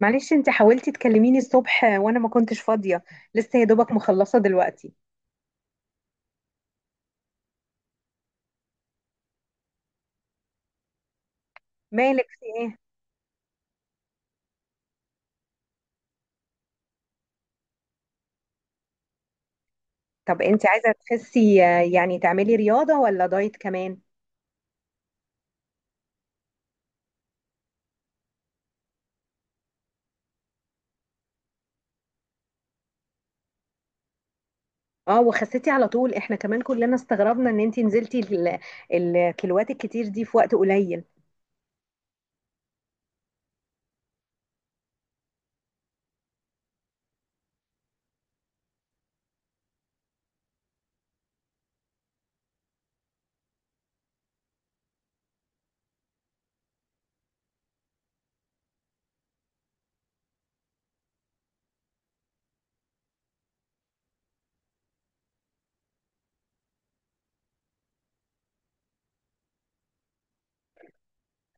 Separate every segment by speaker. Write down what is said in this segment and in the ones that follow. Speaker 1: معلش انت حاولتي تكلميني الصبح وانا ما كنتش فاضية. لسه يا دوبك مخلصة دلوقتي. مالك في ايه؟ طب انت عايزة تخسي، يعني تعملي رياضة ولا دايت كمان؟ اه وخسيتي على طول، احنا كمان كلنا استغربنا ان انت نزلتي الكيلوات الكتير دي في وقت قليل.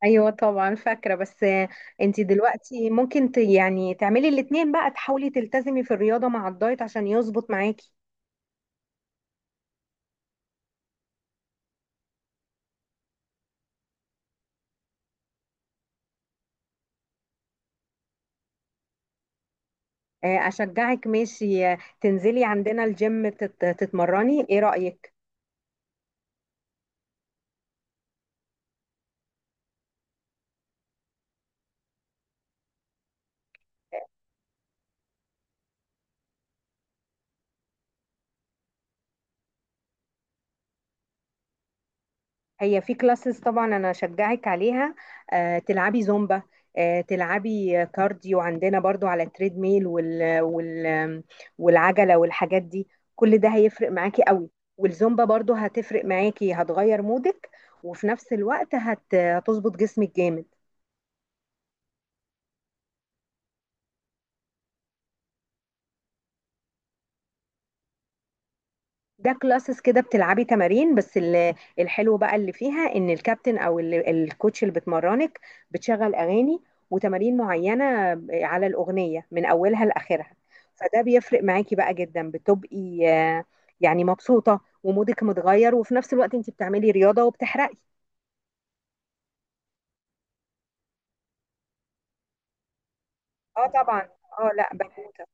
Speaker 1: ايوه طبعا فاكرة، بس انت دلوقتي ممكن يعني تعملي الاتنين بقى، تحاولي تلتزمي في الرياضة مع الدايت عشان يظبط معاكي. اشجعك، ماشي. تنزلي عندنا الجيم تتمرني، ايه رأيك؟ هي في كلاسز طبعا انا اشجعك عليها. تلعبي زومبا، تلعبي كارديو عندنا برضو على التريد ميل وال والعجله والحاجات دي. كل ده هيفرق معاكي قوي. والزومبا برضو هتفرق معاكي، هتغير مودك، وفي نفس الوقت هتظبط جسمك جامد. ده كلاسز كده بتلعبي تمارين، بس الحلو بقى اللي فيها ان الكابتن او الكوتش اللي بتمرنك بتشغل اغاني وتمارين معينه على الاغنيه من اولها لاخرها. فده بيفرق معاكي بقى جدا، بتبقي يعني مبسوطه ومودك متغير، وفي نفس الوقت انت بتعملي رياضه وبتحرقي. اه طبعا. اه لا، بنوته.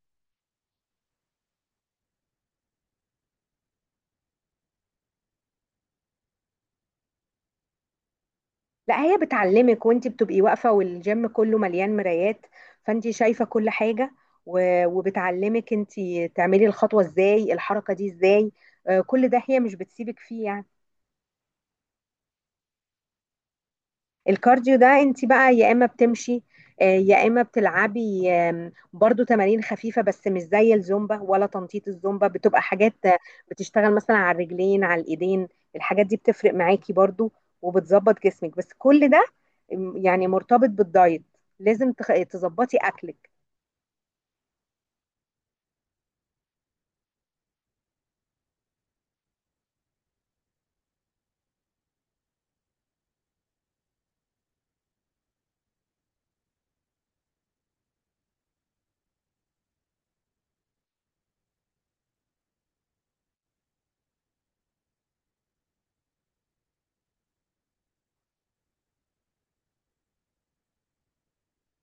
Speaker 1: لا، هي بتعلمك وانت بتبقي واقفة، والجيم كله مليان مرايات، فانت شايفة كل حاجة، وبتعلمك انت تعملي الخطوة ازاي، الحركة دي ازاي. كل ده هي مش بتسيبك فيه يعني. الكارديو ده انت بقى يا اما بتمشي، يا اما بتلعبي برضو تمارين خفيفه بس مش زي الزومبا ولا تنطيط. الزومبا بتبقى حاجات بتشتغل مثلا على الرجلين، على الايدين، الحاجات دي بتفرق معاكي برضو وبتظبط جسمك. بس كل ده يعني مرتبط بالدايت، لازم تظبطي اكلك.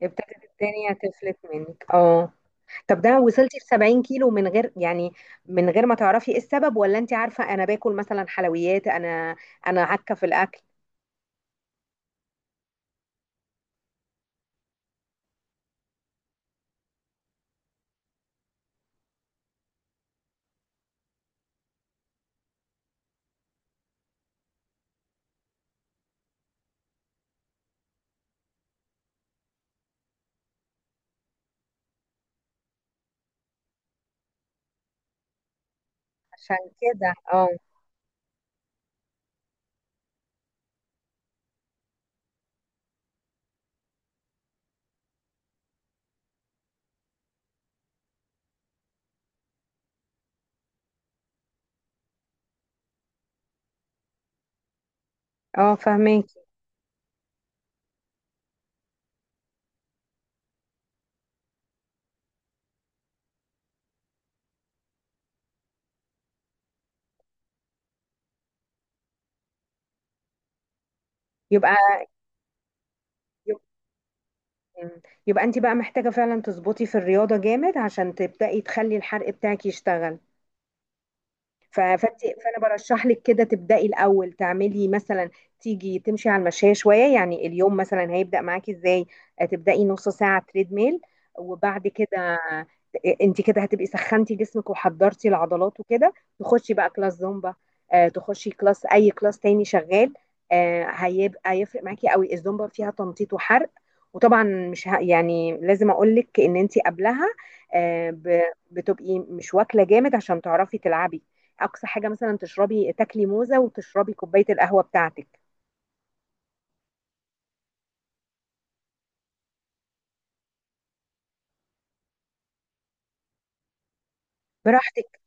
Speaker 1: ابتدت الدنيا تفلت منك، اه. طب ده وصلتي ل 70 كيلو من غير يعني، من غير ما تعرفي ايه السبب؟ ولا انت عارفه، انا باكل مثلا حلويات، انا انا عكه في الاكل. عشان كده، اه. اه، فهماكي. يبقى يبقى, يبقى انت بقى محتاجة فعلا تظبطي في الرياضة جامد عشان تبدأي تخلي الحرق بتاعك يشتغل. ف- فانت فانا برشح لك كده تبداي الاول، تعملي مثلا تيجي تمشي على المشاية شويه. يعني اليوم مثلا هيبدا معاكي ازاي؟ تبداي نص ساعه تريد ميل، وبعد كده انت كده هتبقي سخنتي جسمك وحضرتي العضلات وكده، تخشي بقى كلاس زومبا، تخشي كلاس، اي كلاس تاني شغال. هيبقى هيفرق معاكي قوي. الزومبا فيها تنطيط وحرق، وطبعا مش ه... يعني لازم اقول لك ان انت قبلها آه، ب... بتبقي مش واكله جامد عشان تعرفي تلعبي. اقصى حاجه مثلا تشربي، تاكلي موزه وتشربي كوبايه القهوه بتاعتك. براحتك،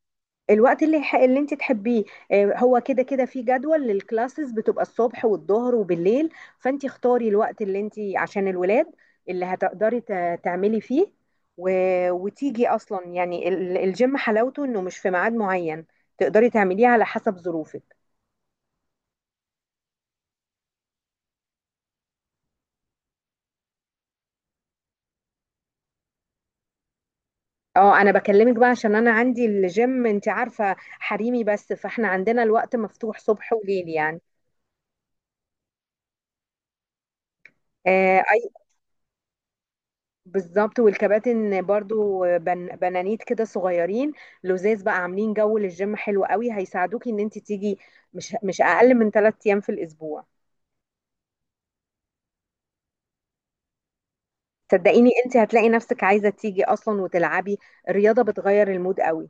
Speaker 1: الوقت اللي انت تحبيه. هو كده كده في جدول للكلاسز، بتبقى الصبح والظهر وبالليل، فانت اختاري الوقت اللي انت عشان الولاد تعملي فيه و... وتيجي اصلا. يعني الجيم حلاوته انه مش في ميعاد معين، تقدري تعمليه على حسب ظروفك. اه انا بكلمك بقى عشان انا عندي الجيم، انت عارفه، حريمي بس، فاحنا عندنا الوقت مفتوح صبح وليل يعني. آه، بالظبط. والكباتن برضو بنانيت كده، صغيرين لزاز بقى، عاملين جو للجيم حلو قوي، هيساعدوكي ان انت تيجي مش اقل من ثلاث ايام في الاسبوع. صدقيني انت هتلاقي نفسك عايزة تيجي اصلا وتلعبي، الرياضة بتغير المود قوي.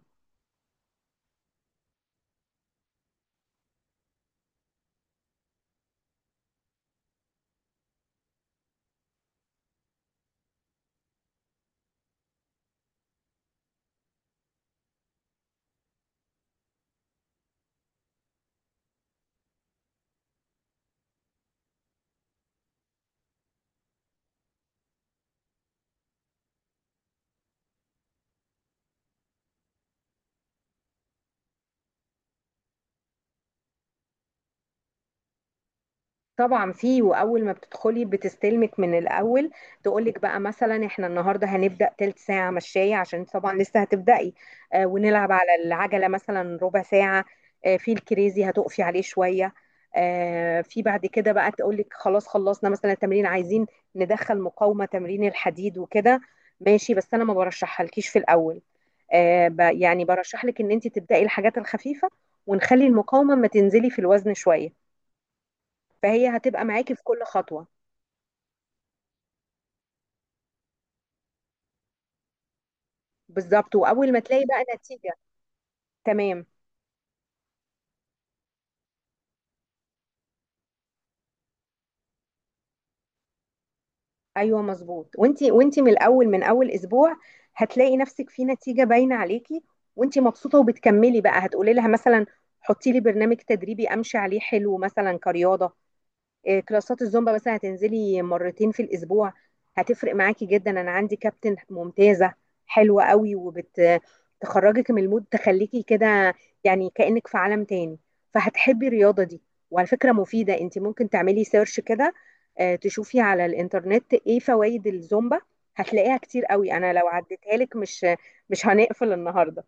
Speaker 1: طبعا فيه، واول ما بتدخلي بتستلمك من الاول، تقولك بقى مثلا احنا النهارده هنبدا تلت ساعه مشايه عشان طبعا لسه هتبداي، آه، ونلعب على العجله مثلا ربع ساعه، آه في الكريزي هتقفي عليه شويه، آه في بعد كده بقى تقولك خلاص خلصنا مثلا التمرين، عايزين ندخل مقاومه، تمرين الحديد وكده. ماشي، بس انا ما برشحهالكيش في الاول. يعني برشح لك ان انت تبداي الحاجات الخفيفه، ونخلي المقاومه ما تنزلي في الوزن شويه. فهي هتبقى معاكي في كل خطوة. بالظبط، واول ما تلاقي بقى نتيجة. تمام. ايوه مظبوط، وانتي من الاول، من اول اسبوع هتلاقي نفسك في نتيجة باينة عليكي، وانتي مبسوطة، وبتكملي بقى، هتقولي لها مثلا حطي لي برنامج تدريبي امشي عليه حلو، مثلا كرياضة كلاسات الزومبا مثلا هتنزلي مرتين في الاسبوع، هتفرق معاكي جدا. انا عندي كابتن ممتازه، حلوه قوي، وبتخرجك من المود، تخليكي كده يعني كانك في عالم تاني، فهتحبي الرياضه دي. وعلى فكره مفيده، انت ممكن تعملي سيرش كده تشوفي على الانترنت ايه فوائد الزومبا، هتلاقيها كتير قوي، انا لو عديتها لك مش هنقفل النهارده.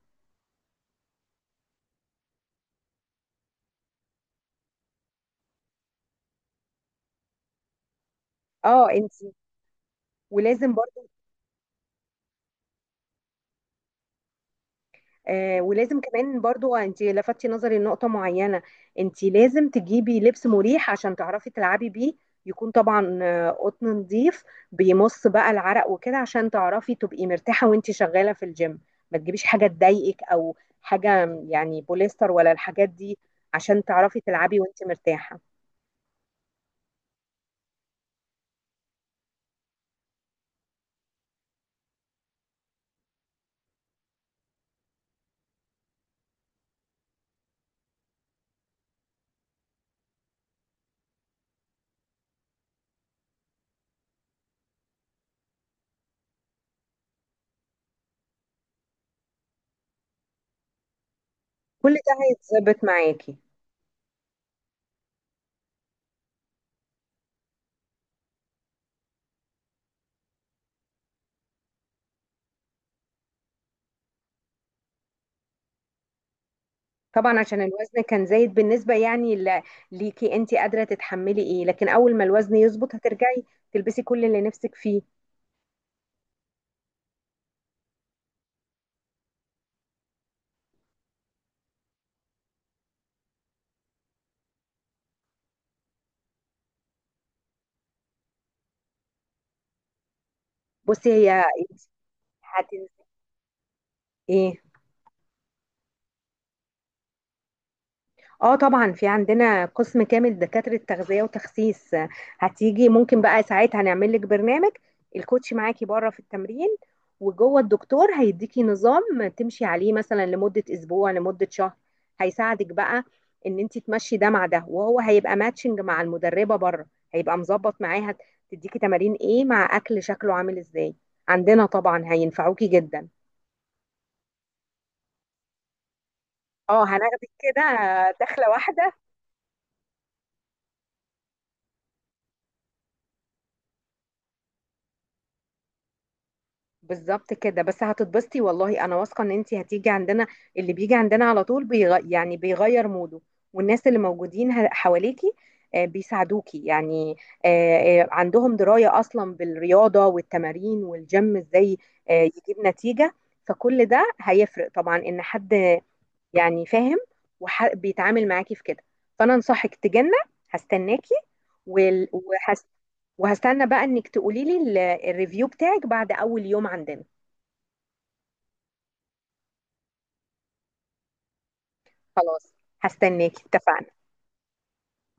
Speaker 1: اه انت. ولازم برضه، آه، ولازم كمان برضو، انت لفتي نظري لنقطة معينة، انت لازم تجيبي لبس مريح عشان تعرفي تلعبي بيه، يكون طبعا قطن نظيف بيمص بقى العرق وكده، عشان تعرفي تبقي مرتاحة وانت شغالة في الجيم. ما تجيبيش حاجة تضايقك، او حاجة يعني بوليستر ولا الحاجات دي، عشان تعرفي تلعبي وانت مرتاحة. كل ده هيتظبط معاكي. طبعا عشان الوزن كان زايد بالنسبة يعني ليكي انت قادرة تتحملي ايه، لكن اول ما الوزن يظبط هترجعي تلبسي كل اللي نفسك فيه. بصي هي انت هتنزلي ايه. اه طبعا، في عندنا قسم كامل دكاترة تغذية وتخسيس. هتيجي ممكن بقى ساعتها هنعمل لك برنامج، الكوتش معاكي بره في التمرين، وجوه الدكتور هيديكي نظام تمشي عليه مثلا لمدة اسبوع، لمدة شهر، هيساعدك بقى ان انت تمشي ده مع ده، وهو هيبقى ماتشنج مع المدربة بره، هيبقى مظبط معاها، تديكي تمارين ايه مع اكل شكله عامل ازاي. عندنا طبعا هينفعوكي جدا. اه هناخدك كده دخلة واحدة. بالظبط كده، بس هتتبسطي والله، انا واثقه ان انت هتيجي عندنا. اللي بيجي عندنا على طول يعني بيغير موده، والناس اللي موجودين حواليكي بيساعدوكي يعني، عندهم درايه اصلا بالرياضه والتمارين والجيم ازاي يجيب نتيجه. فكل ده هيفرق طبعا، ان حد يعني فاهم وبيتعامل معاكي في كده. فانا انصحك تجنة، هستناكي. وال- وهس- وهستنى بقى انك تقولي لي الريفيو بتاعك بعد اول يوم عندنا. خلاص، هستناكي. اتفقنا.